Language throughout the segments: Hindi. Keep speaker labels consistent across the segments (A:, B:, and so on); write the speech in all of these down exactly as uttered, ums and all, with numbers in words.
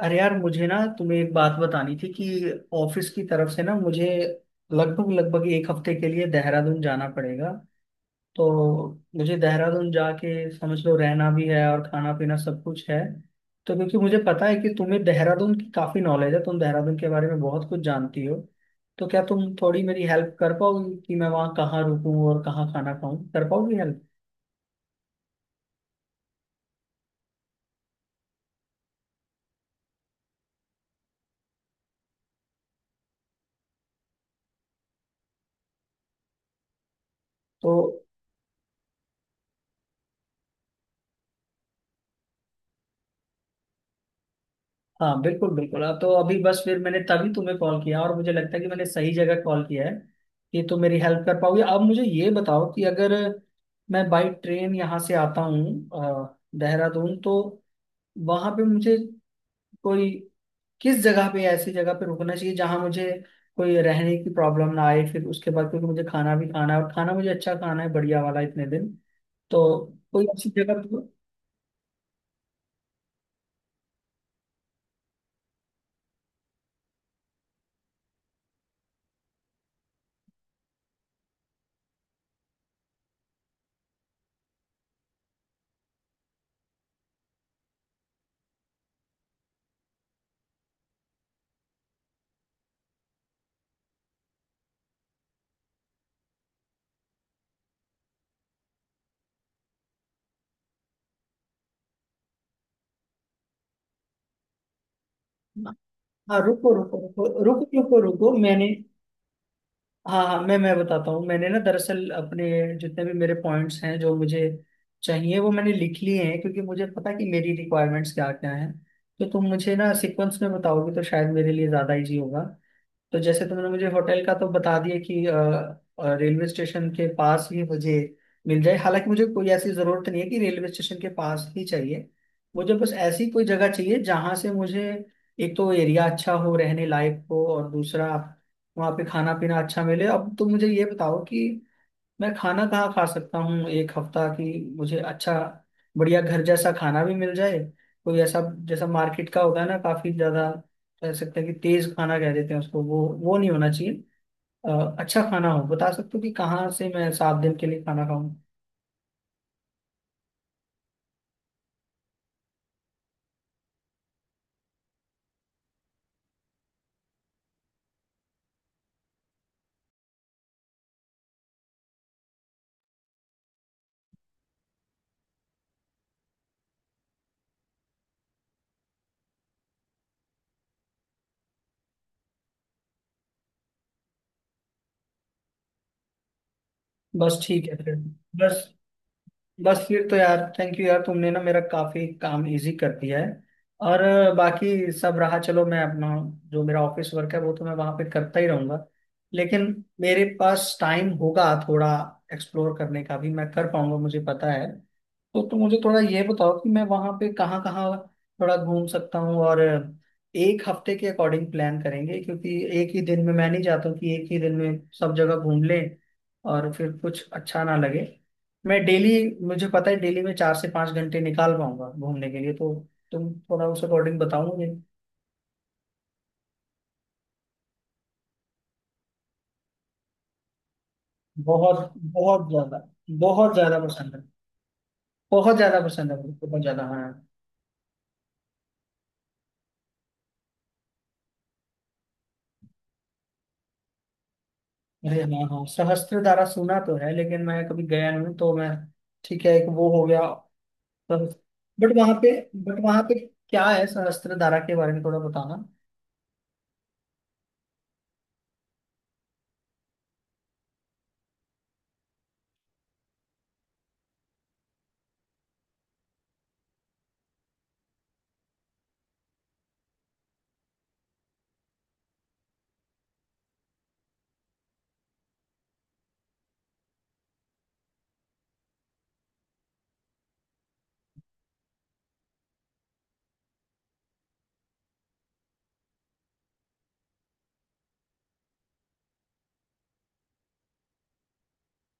A: अरे यार, मुझे ना तुम्हें एक बात बतानी थी कि ऑफिस की तरफ से ना मुझे लगभग लगभग एक हफ्ते के लिए देहरादून जाना पड़ेगा। तो मुझे देहरादून जाके समझ लो रहना भी है और खाना पीना सब कुछ है। तो क्योंकि मुझे पता है कि तुम्हें देहरादून की काफी नॉलेज है, तुम देहरादून के बारे में बहुत कुछ जानती हो, तो क्या तुम थोड़ी मेरी हेल्प कर पाओगी कि मैं वहाँ कहाँ रुकूं और कहाँ खाना खाऊं? कर पाओगी हेल्प? तो हाँ, बिल्कुल बिल्कुल, अब तो अभी बस फिर मैंने तभी तुम्हें कॉल किया और मुझे लगता है कि मैंने सही जगह कॉल किया है कि तुम मेरी हेल्प कर पाओगे। अब मुझे ये बताओ कि अगर मैं बाई ट्रेन यहाँ से आता हूँ अ, देहरादून, तो वहाँ पे मुझे कोई किस जगह पे, ऐसी जगह पे रुकना चाहिए जहाँ मुझे कोई रहने की प्रॉब्लम ना आए। फिर उसके बाद क्योंकि मुझे खाना भी खाना है और खाना मुझे अच्छा खाना है, बढ़िया वाला, इतने दिन। तो कोई अच्छी जगह पे- हाँ रुको रुको रुको रुको रुको रुको, मैंने हाँ हाँ, मैं मैं बताता हूँ। मैंने ना दरअसल अपने जितने भी मेरे पॉइंट्स हैं जो मुझे चाहिए वो मैंने लिख लिए हैं, क्योंकि मुझे पता है कि मेरी रिक्वायरमेंट्स क्या क्या हैं। तो तुम मुझे ना सीक्वेंस में बताओगे तो शायद मेरे लिए ज़्यादा इजी होगा। तो जैसे तुमने मुझे होटल का तो बता दिया कि अ, अ, रेलवे स्टेशन के पास ही मुझे मिल जाए, हालांकि मुझे कोई ऐसी जरूरत नहीं है कि रेलवे स्टेशन के पास ही चाहिए। मुझे बस ऐसी कोई जगह चाहिए जहां से मुझे एक तो एरिया अच्छा हो, रहने लायक हो, और दूसरा वहाँ पे खाना पीना अच्छा मिले। अब तुम मुझे ये बताओ कि मैं खाना कहाँ खा सकता हूँ एक हफ्ता की? मुझे अच्छा बढ़िया घर जैसा खाना भी मिल जाए, कोई ऐसा जैसा मार्केट का होता है ना, काफी ज्यादा कह सकते हैं कि तेज खाना कह देते हैं उसको, वो वो नहीं होना चाहिए। अ, अच्छा खाना हो। बता सकते हो कि कहाँ से मैं सात दिन के लिए खाना खाऊं? बस ठीक है फिर। बस बस फिर तो यार, थैंक यू यार, तुमने ना मेरा काफी काम इजी कर दिया है। और अ, बाकी सब रहा, चलो मैं अपना जो मेरा ऑफिस वर्क है वो तो मैं वहां पे करता ही रहूंगा, लेकिन मेरे पास टाइम होगा थोड़ा एक्सप्लोर करने का भी, मैं कर पाऊंगा मुझे पता है। तो तुम मुझे थोड़ा ये बताओ कि मैं वहां पे कहाँ कहाँ थोड़ा घूम सकता हूँ, और एक हफ्ते के अकॉर्डिंग प्लान करेंगे, क्योंकि एक ही दिन में मैं नहीं चाहता हूँ कि एक ही दिन में सब जगह घूम लें और फिर कुछ अच्छा ना लगे। मैं डेली, मुझे पता है डेली में चार से पांच घंटे निकाल पाऊंगा घूमने के लिए, तो तुम थोड़ा उस अकॉर्डिंग बताओ मुझे। बहुत बहुत ज्यादा। बहुत ज्यादा पसंद है। बहुत ज्यादा पसंद है मुझे, बहुत ज्यादा, हाँ। अरे हाँ हाँ, सहस्त्रधारा सुना तो है लेकिन मैं कभी गया नहीं हूँ, तो मैं ठीक है, एक वो हो गया। बट वहां पे, बट वहां पे क्या है सहस्त्रधारा के बारे में थोड़ा बताना।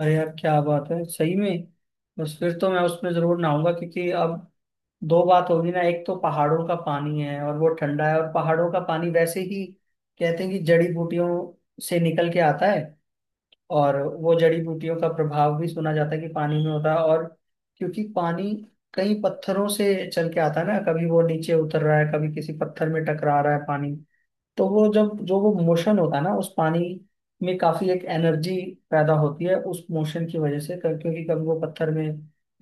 A: अरे यार क्या बात है, सही में। बस फिर तो मैं उसमें जरूर नहाऊंगा, क्योंकि अब दो बात होगी ना, एक तो पहाड़ों का पानी है और वो ठंडा है, और पहाड़ों का पानी वैसे ही कहते हैं कि जड़ी बूटियों से निकल के आता है, और वो जड़ी बूटियों का प्रभाव भी सुना जाता है कि पानी में होता है। और क्योंकि पानी कई पत्थरों से चल के आता है ना, कभी वो नीचे उतर रहा है, कभी किसी पत्थर में टकरा रहा है पानी, तो वो जब जो वो मोशन होता है ना उस पानी में, काफी एक एनर्जी पैदा होती है उस मोशन की वजह से। क- क्योंकि कभी वो पत्थर में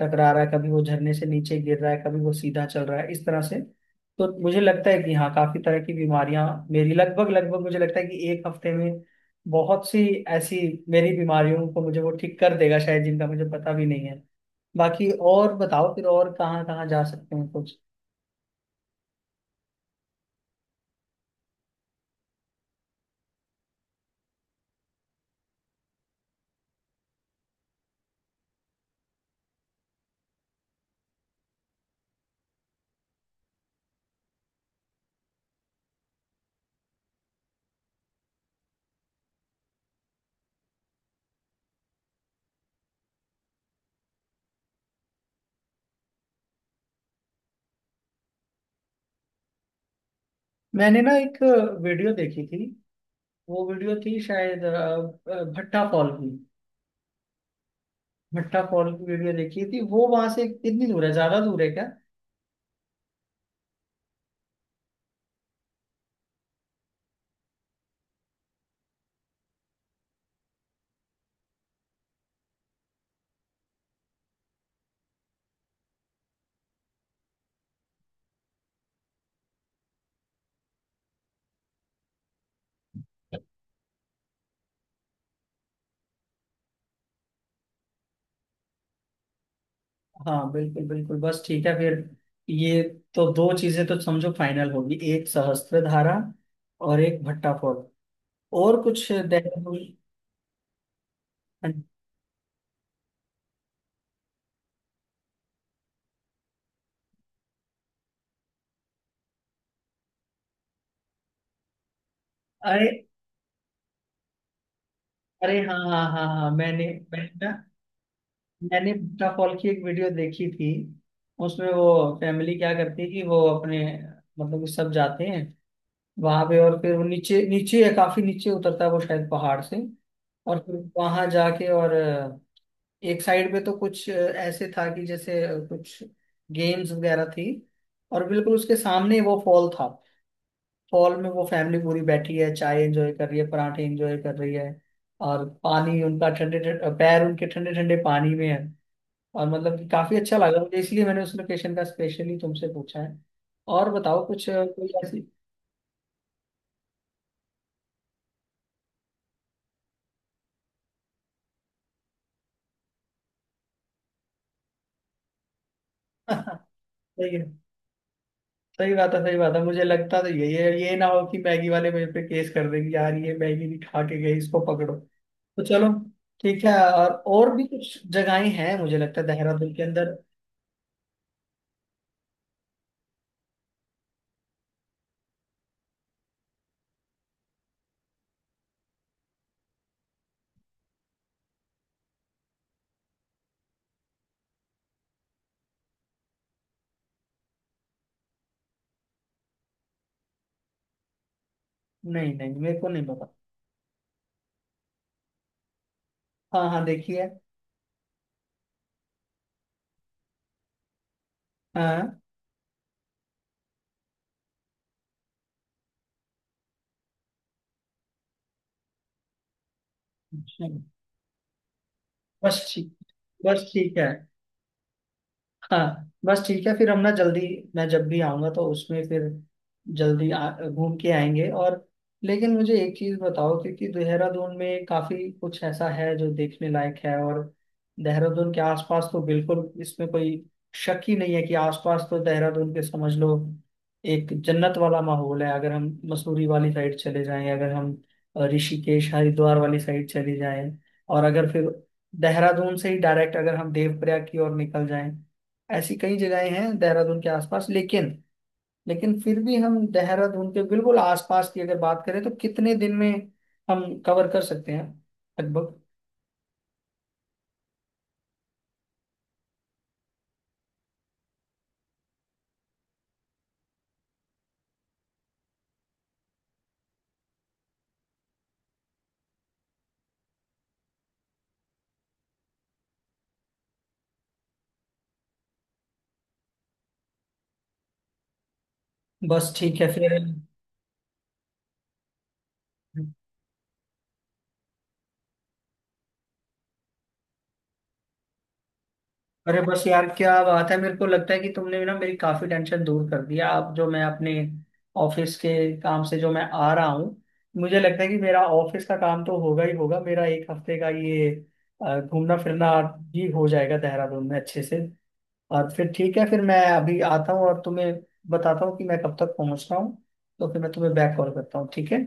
A: टकरा रहा है, कभी वो झरने से नीचे गिर रहा है, कभी वो सीधा चल रहा है, इस तरह से। तो मुझे लगता है कि हाँ, काफी तरह की बीमारियां मेरी, लगभग लगभग मुझे लगता है कि एक हफ्ते में बहुत सी ऐसी मेरी बीमारियों को मुझे वो ठीक कर देगा शायद, जिनका मुझे पता भी नहीं है। बाकी और बताओ फिर, और कहाँ कहाँ जा सकते हैं कुछ। मैंने ना एक वीडियो देखी थी, वो वीडियो थी शायद अ, अ, भट्टा फॉल की। भट्टा फॉल की वीडियो देखी थी, वो वहां से कितनी दूर है, ज्यादा दूर है क्या? हाँ बिल्कुल बिल्कुल, बस ठीक है फिर। ये तो दो चीजें तो समझो फाइनल होगी, एक सहस्त्रधारा और एक भट्टा फॉल, और कुछ देहरादून। अरे अरे हाँ हाँ हाँ हाँ, मैंने मैंने ना मैंने भट्टा फॉल की एक वीडियो देखी थी। उसमें वो फैमिली क्या करती है कि वो अपने, मतलब कि सब जाते हैं वहां पे, और फिर वो नीचे नीचे या काफी नीचे उतरता है वो शायद पहाड़ से। और फिर वहां जाके और अ, एक साइड पे तो कुछ अ, ऐसे था कि जैसे अ, कुछ गेम्स वगैरह थी, और बिल्कुल उसके सामने वो फॉल था। फॉल में वो फैमिली पूरी बैठी है, चाय एंजॉय कर रही है, पराठे एंजॉय कर रही है, और पानी उनका ठंडे ठंडे, पैर उनके ठंडे ठंडे पानी में है, और मतलब कि काफी अच्छा लगा मुझे, इसलिए मैंने उस लोकेशन का स्पेशली तुमसे पूछा है। और बताओ कुछ अ, कोई ऐसी सही है, सही बात है सही बात है। मुझे लगता तो यही है, ये ना हो कि मैगी वाले मेरे पे केस कर देंगे यार, ये मैगी नहीं खा के गई, इसको पकड़ो, तो चलो ठीक है। और और भी कुछ जगहें हैं मुझे लगता है देहरादून के अंदर? नहीं नहीं, मेरे को नहीं पता। हाँ हाँ देखिए। हाँ। अच्छा। बस ठीक, बस ठीक है। हाँ बस ठीक है फिर हम ना जल्दी, मैं जब भी आऊंगा तो उसमें फिर जल्दी आ- घूम के आएंगे। और लेकिन मुझे एक चीज बताओ, क्योंकि देहरादून में काफी कुछ ऐसा है जो देखने लायक है, और देहरादून के आसपास तो बिल्कुल इसमें कोई शक ही नहीं है कि आसपास तो देहरादून के समझ लो एक जन्नत वाला माहौल है। अगर हम मसूरी वाली साइड चले जाएं, अगर हम अ, ऋषिकेश हरिद्वार वाली साइड चले जाएं, और अगर फिर देहरादून से ही डायरेक्ट अगर हम देवप्रयाग की ओर निकल जाएं, ऐसी कई जगहें हैं देहरादून के आसपास। लेकिन लेकिन फिर भी हम देहरादून के बिल्कुल आसपास की अगर बात करें तो कितने दिन में हम कवर कर सकते हैं लगभग? बस ठीक है फिर। अरे बस यार, क्या बात है, मेरे को लगता है कि तुमने ना मेरी काफी टेंशन दूर कर दिया। अब जो मैं अपने ऑफिस के काम से जो मैं आ रहा हूँ, मुझे लगता है कि मेरा ऑफिस का काम तो होगा ही होगा, मेरा एक हफ्ते का ये अ, घूमना फिरना भी हो जाएगा देहरादून में अच्छे से। और फिर ठीक है, फिर मैं अभी आता हूँ और तुम्हें बताता हूँ कि मैं कब तक पहुँच रहा हूँ, तो फिर मैं तुम्हें बैक कॉल करता हूँ ठीक है?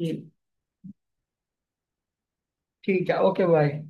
A: जी ठीक है, ओके बाय।